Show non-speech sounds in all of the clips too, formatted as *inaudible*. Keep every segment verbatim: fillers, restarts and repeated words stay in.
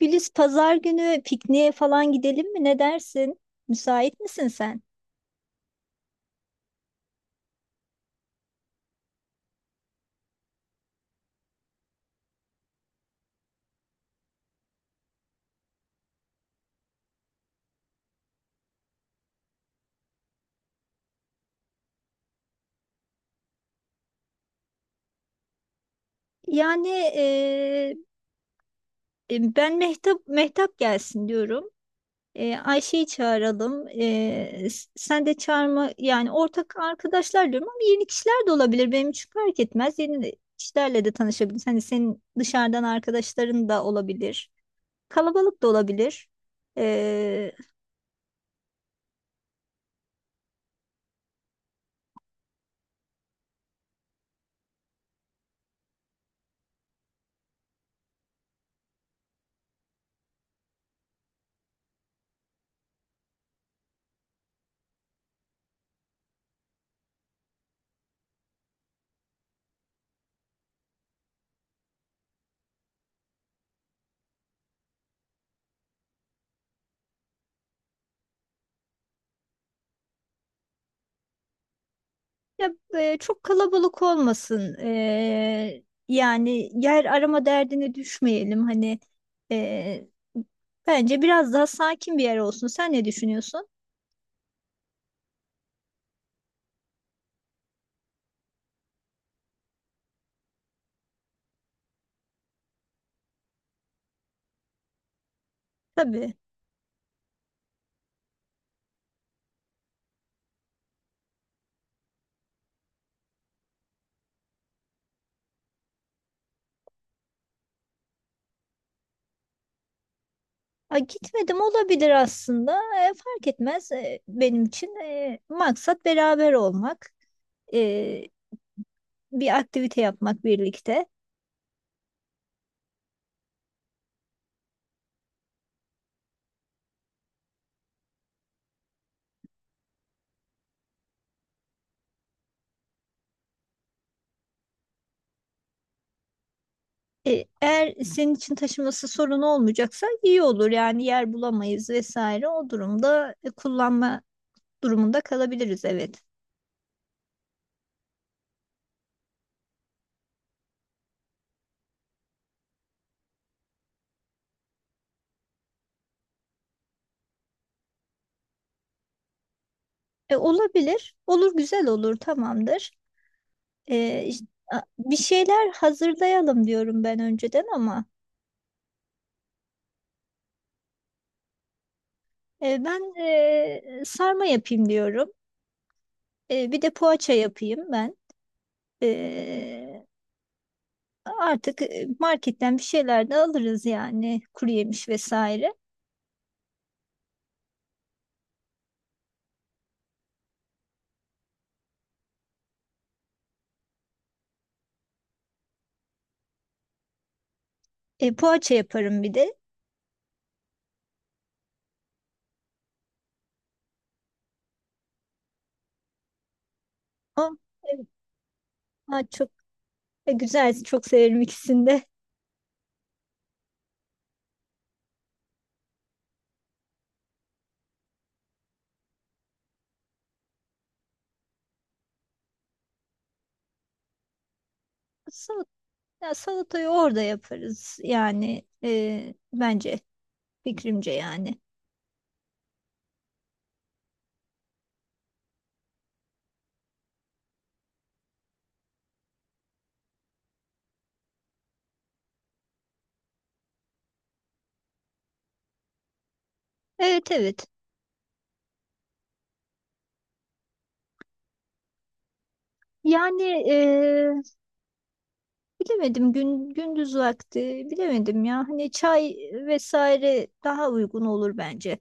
Güliz pazar günü pikniğe falan gidelim mi? Ne dersin? Müsait misin sen? Yani eee, e, ben Mehtap Mehtap gelsin diyorum. Eee, Ayşe'yi çağıralım. Eee, s- sen de çağırma yani ortak arkadaşlar diyorum ama yeni kişiler de olabilir. Benim için fark etmez. Yeni de- kişilerle de tanışabiliriz. Hani senin dışarıdan arkadaşların da olabilir. Kalabalık da olabilir. Ya e, çok kalabalık olmasın. E, yani yer arama derdine düşmeyelim. Hani e, Bence biraz daha sakin bir yer olsun. Sen ne düşünüyorsun? Tabii. Ha, gitmedim olabilir aslında. E, fark etmez, E, benim için. E, maksat beraber olmak. E, Bir aktivite yapmak birlikte. E, Eğer senin için taşıması sorun olmayacaksa iyi olur. Yani yer bulamayız vesaire. O durumda e, kullanma durumunda kalabiliriz, evet. E, olabilir. Olur, güzel olur, tamamdır. E, işte, a- bir şeyler hazırlayalım diyorum ben önceden ama e, ben e, sarma yapayım diyorum. E, bir de poğaça yapayım ben. E, Artık e, marketten bir şeyler de alırız yani kuru yemiş vesaire. E, poğaça yaparım bir de. O- Ha, çok e, güzel, çok severim ikisini de. Salat, ya salatayı orada yaparız yani, e, bence fikrimce yani. Evet, evet. Yani e, bilemedim, gün gündüz vakti bilemedim ya. Hani çay vesaire daha uygun olur bence.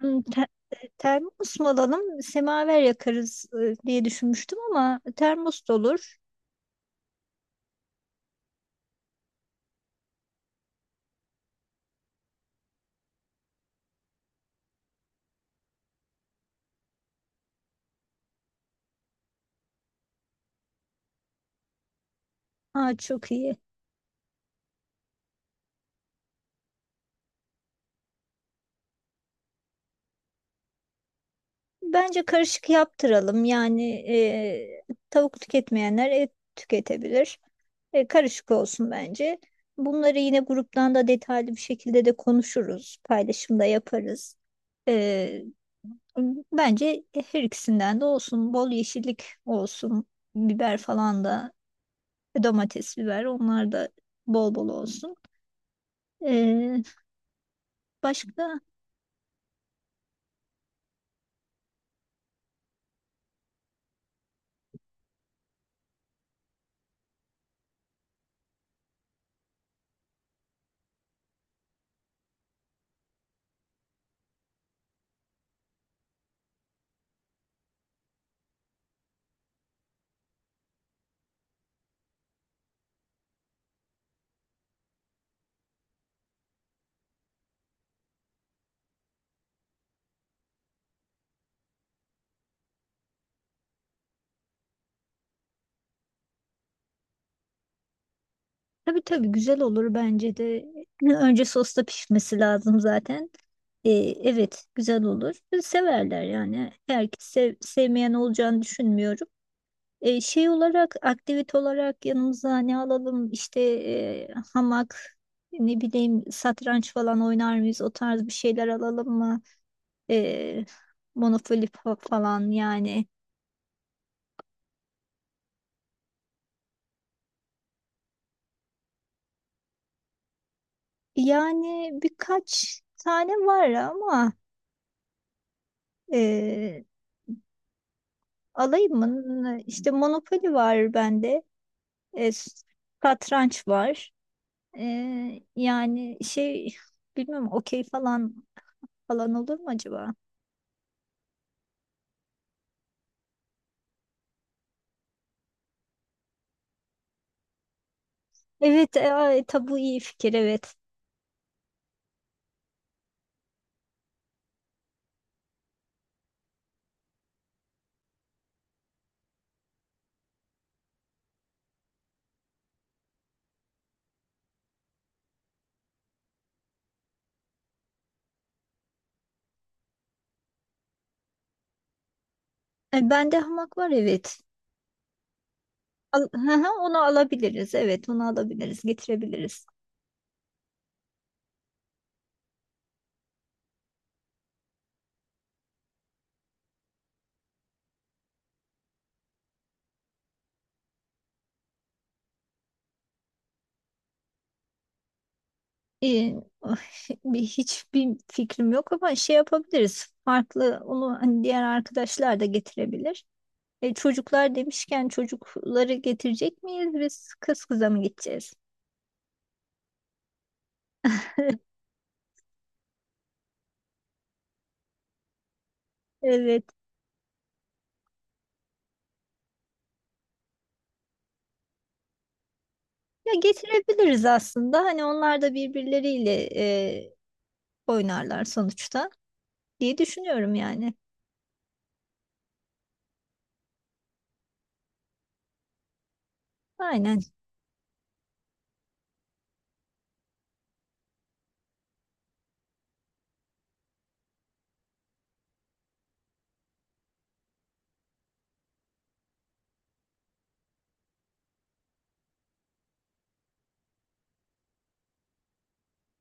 Hmm, te- termos mu alalım, semaver yakarız e, diye düşünmüştüm ama termos da olur. Ha, çok iyi. Bence karışık yaptıralım. Yani e, tavuk tüketmeyenler et tüketebilir. E, karışık olsun bence. Bunları yine gruptan da detaylı bir şekilde de konuşuruz. Paylaşımda yaparız. E, Bence her ikisinden de olsun. Bol yeşillik olsun. Biber falan da, domates, biber, onlar da bol bol olsun. E, başka? Tabii tabii, güzel olur bence de. *laughs* Önce sosta pişmesi lazım zaten. Ee, evet, güzel olur. Severler yani. Herkes sev- sevmeyen olacağını düşünmüyorum. Ee, şey olarak, aktivite olarak yanımıza ne alalım, işte e, hamak, ne bileyim satranç falan oynar mıyız, o tarz bir şeyler alalım mı? Ee, Monopoly fa- falan yani. Yani birkaç tane var ama... e, Alayım mı? İşte Monopoly var bende. E, Satranç var. E, yani şey, bilmiyorum, okey falan falan olur mu acaba? Evet, e, ay, tabu iyi fikir, evet. E, bende hamak var, evet. Al, hı hı, onu alabiliriz, evet, onu alabiliriz getirebiliriz. E, *laughs* oh, bir- hiçbir fikrim yok ama şey yapabiliriz. Farklı, onu hani diğer arkadaşlar da getirebilir. E, çocuklar demişken, çocukları getirecek miyiz, biz kız kıza mı gideceğiz? *laughs* Evet. Ya getirebiliriz aslında. Hani onlar da birbirleriyle e, oynarlar sonuçta diye düşünüyorum yani. Aynen.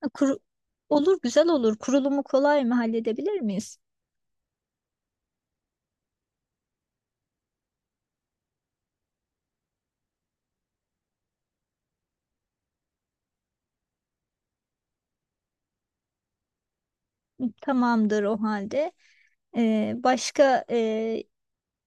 Ha, Kuru, olur, güzel olur. Kurulumu kolay mı, halledebilir miyiz? Tamamdır o halde. E, başka e,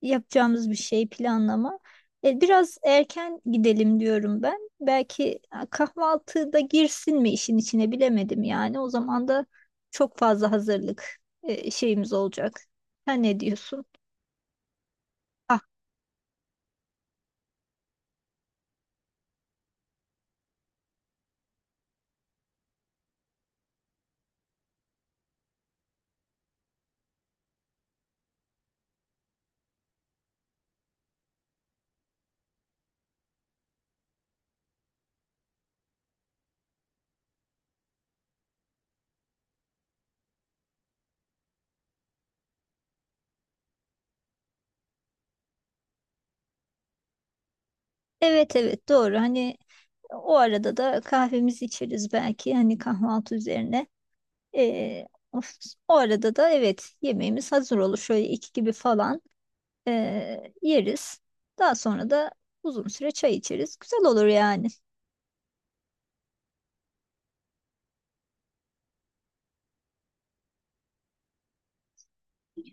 yapacağımız bir şey planlama. E, biraz erken gidelim diyorum ben. Belki ha, kahvaltıda girsin mi işin içine, bilemedim yani. O zaman da çok fazla hazırlık e, şeyimiz olacak. Sen ne diyorsun? Ah, evet, evet, doğru. Hani o arada da kahvemizi içeriz belki, hani kahvaltı üzerine. E, of, O arada da evet yemeğimiz hazır olur. Şöyle iki gibi falan. Ee, yeriz. Daha sonra da uzun süre çay içeriz. Güzel olur yani.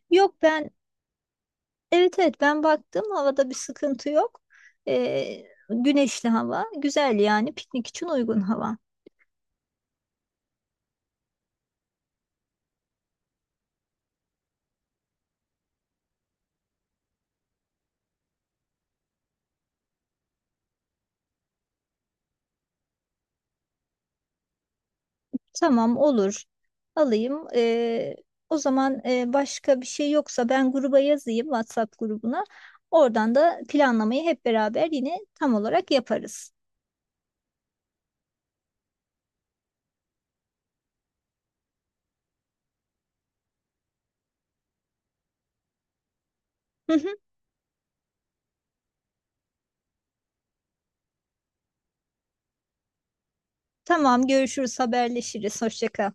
Yok ben Evet, evet, ben baktım, havada bir sıkıntı yok. Ee, Güneşli hava, güzel yani, piknik için uygun hava. Tamam, olur, alayım. Ee, o zaman e, başka bir şey yoksa ben gruba yazayım, WhatsApp grubuna. Oradan da planlamayı hep beraber yine tam olarak yaparız. Hı hı. Tamam, görüşürüz, haberleşiriz. Hoşça kal.